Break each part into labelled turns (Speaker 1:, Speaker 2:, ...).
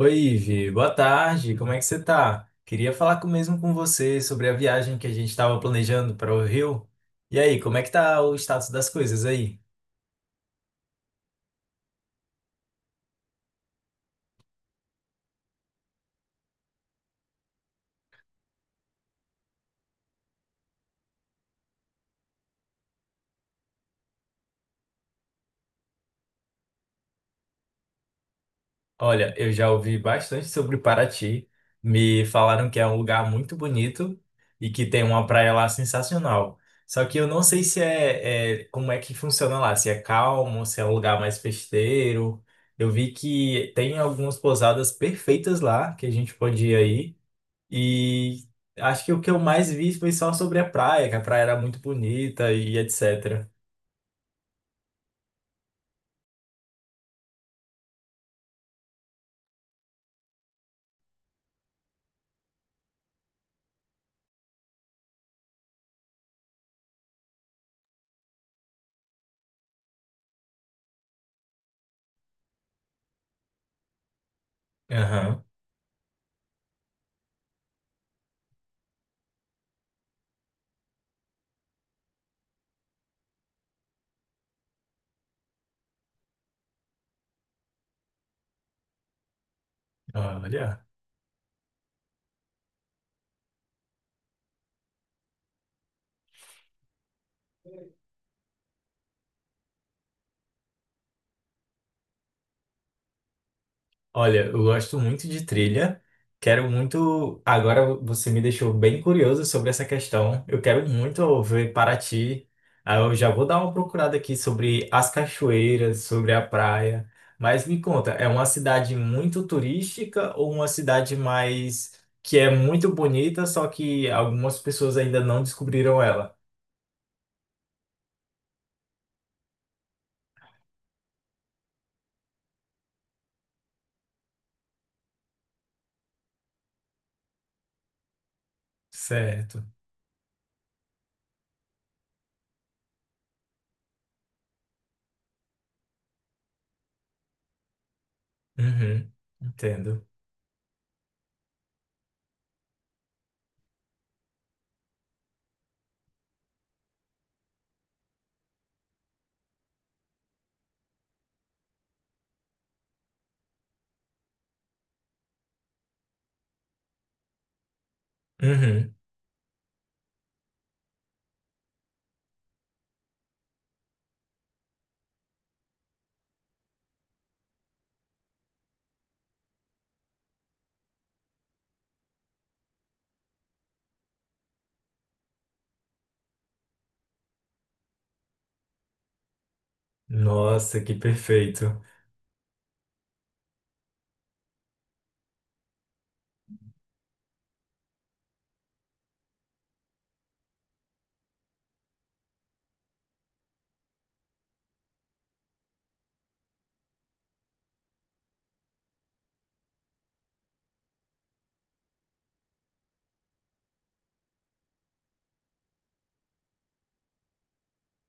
Speaker 1: Oi, Ivi. Boa tarde. Como é que você tá? Queria falar mesmo com você sobre a viagem que a gente estava planejando para o Rio. E aí, como é que tá o status das coisas aí? Olha, eu já ouvi bastante sobre Paraty. Me falaram que é um lugar muito bonito e que tem uma praia lá sensacional. Só que eu não sei se como é que funciona lá, se é calmo, se é um lugar mais festeiro. Eu vi que tem algumas pousadas perfeitas lá que a gente pode ir aí. E acho que o que eu mais vi foi só sobre a praia, que a praia era muito bonita e etc. Aham. Olha. Olha, eu gosto muito de trilha. Quero muito. Agora você me deixou bem curioso sobre essa questão. Eu quero muito ver Paraty. Aí eu já vou dar uma procurada aqui sobre as cachoeiras, sobre a praia. Mas me conta, é uma cidade muito turística ou uma cidade mais que é muito bonita, só que algumas pessoas ainda não descobriram ela? Certo. Uhum. Entendo. Uhum. Nossa, que perfeito.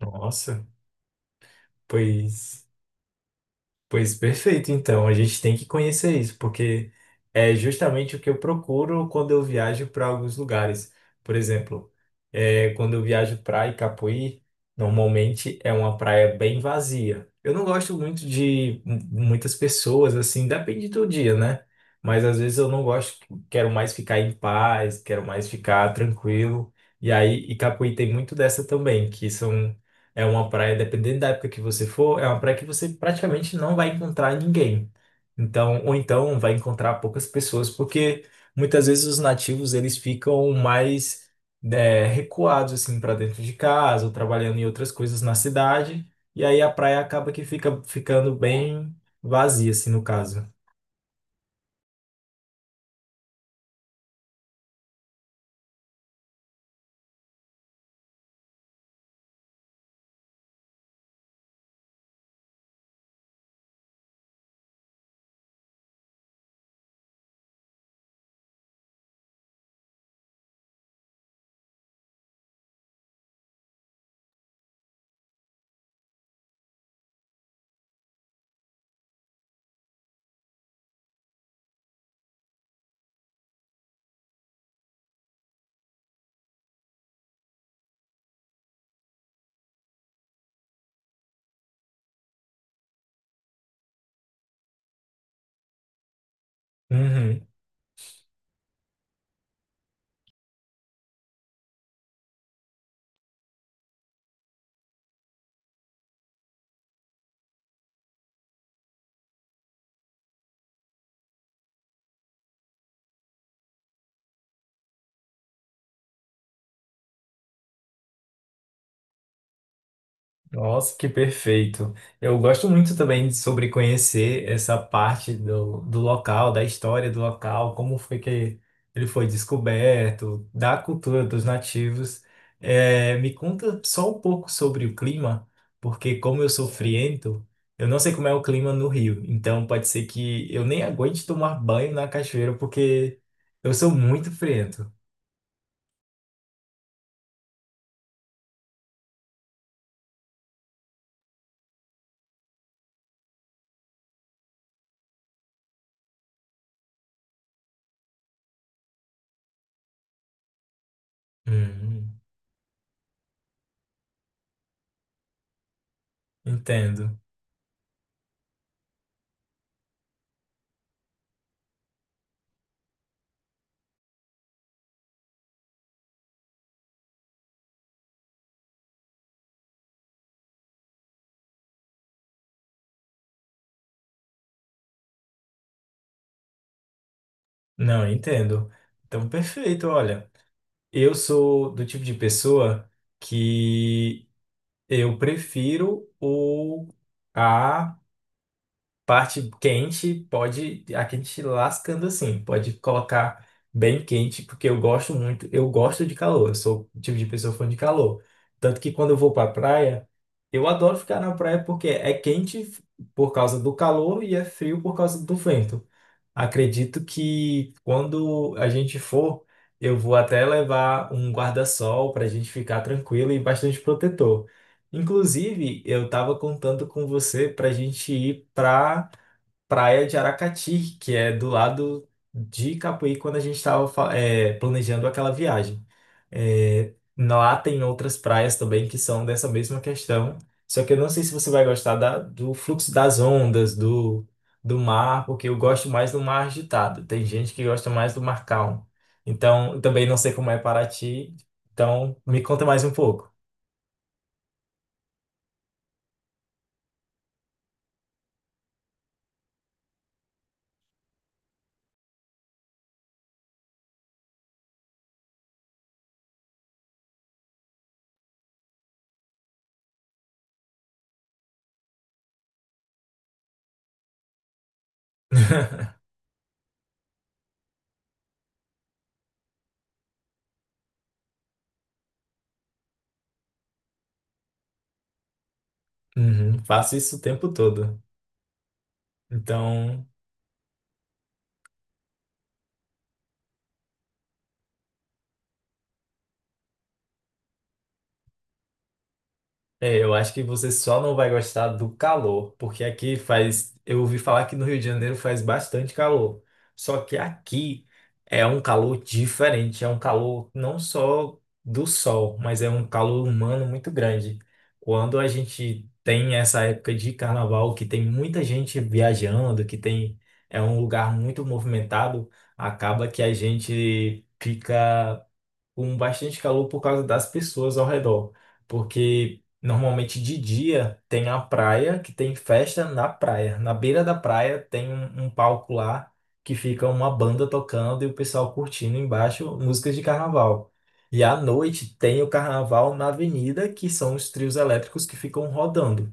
Speaker 1: Nossa, pois. Pois perfeito, então a gente tem que conhecer isso, porque é justamente o que eu procuro quando eu viajo para alguns lugares. Por exemplo, quando eu viajo para Icapuí, normalmente é uma praia bem vazia. Eu não gosto muito de muitas pessoas, assim, depende do dia, né? Mas às vezes eu não gosto, quero mais ficar em paz, quero mais ficar tranquilo. E aí, Icapuí tem muito dessa também, que são é uma praia, dependendo da época que você for, é uma praia que você praticamente não vai encontrar ninguém. Então, ou então vai encontrar poucas pessoas, porque muitas vezes os nativos eles ficam mais, né, recuados assim para dentro de casa, ou trabalhando em outras coisas na cidade, e aí a praia acaba que fica ficando bem vazia, assim, no caso. Uhum. Nossa, que perfeito. Eu gosto muito também de- sobre conhecer essa parte do local, da história do local, como foi que ele foi descoberto, da cultura dos nativos. Me conta só um pouco sobre o clima, porque como eu sou friento, eu não sei como é o clima no Rio. Então pode ser que eu nem aguente tomar banho na cachoeira, porque eu sou muito friento. Hum, entendo. Não, entendo. Então, perfeito, olha. Eu sou do tipo de pessoa que eu prefiro o a parte quente, pode a quente lascando assim, pode colocar bem quente, porque eu gosto muito, eu gosto de calor, eu sou o tipo de pessoa fã de calor. Tanto que quando eu vou pra praia, eu adoro ficar na praia porque é quente por causa do calor e é frio por causa do vento. Acredito que quando a gente for, eu vou até levar um guarda-sol para a gente ficar tranquilo e bastante protetor. Inclusive, eu estava contando com você para a gente ir para praia de Aracati, que é do lado de Capuí, quando a gente estava planejando aquela viagem. É, lá tem outras praias também que são dessa mesma questão, só que eu não sei se você vai gostar do fluxo das ondas, do mar, porque eu gosto mais do mar agitado. Tem gente que gosta mais do mar calmo. Então, eu também não sei como é Paraty, então me conta mais um pouco. Uhum, faço isso o tempo todo. Então. É, eu acho que você só não vai gostar do calor, porque aqui faz. Eu ouvi falar que no Rio de Janeiro faz bastante calor. Só que aqui é um calor diferente, é um calor não só do sol, mas é um calor humano muito grande. Quando a gente tem essa época de carnaval, que tem muita gente viajando, que tem é um lugar muito movimentado, acaba que a gente fica com bastante calor por causa das pessoas ao redor. Porque normalmente de dia tem a praia, que tem festa na praia. Na beira da praia tem um palco lá que fica uma banda tocando e o pessoal curtindo embaixo músicas de carnaval. E à noite tem o carnaval na avenida, que são os trios elétricos que ficam rodando.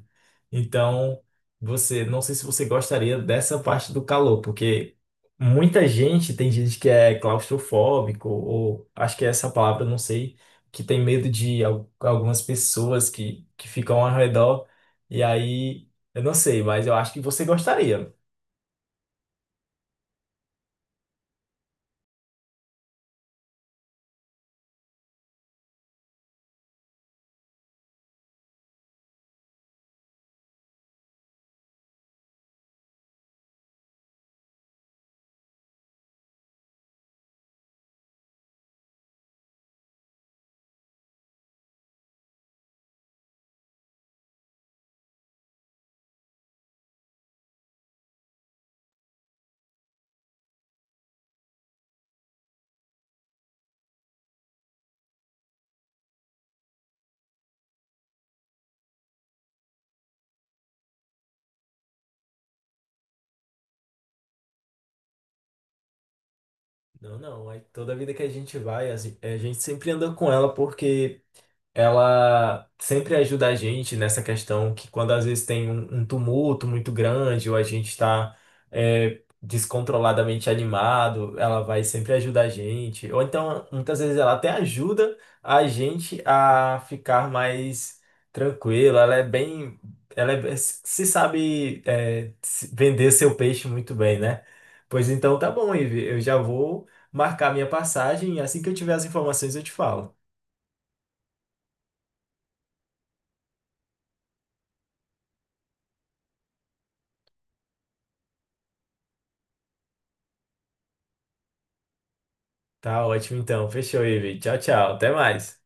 Speaker 1: Então, você, não sei se você gostaria dessa parte do calor, porque muita gente, tem gente que é claustrofóbico, ou acho que é essa palavra, não sei, que tem medo de algumas pessoas que ficam ao redor, e aí, eu não sei, mas eu acho que você gostaria. Não, não, é toda vida que a gente vai, a a gente sempre anda com ela, porque ela sempre ajuda a gente nessa questão que quando às vezes tem um tumulto muito grande ou a gente está descontroladamente animado, ela vai sempre ajudar a gente. Ou então, muitas vezes ela até ajuda a gente a ficar mais tranquilo. Ela é bem, ela é- se sabe é, se- vender seu peixe muito bem, né? Pois então tá bom, Ivi, eu já vou marcar minha passagem e assim que eu tiver as informações eu te falo. Tá ótimo então. Fechou, Ivi. Tchau, tchau. Até mais.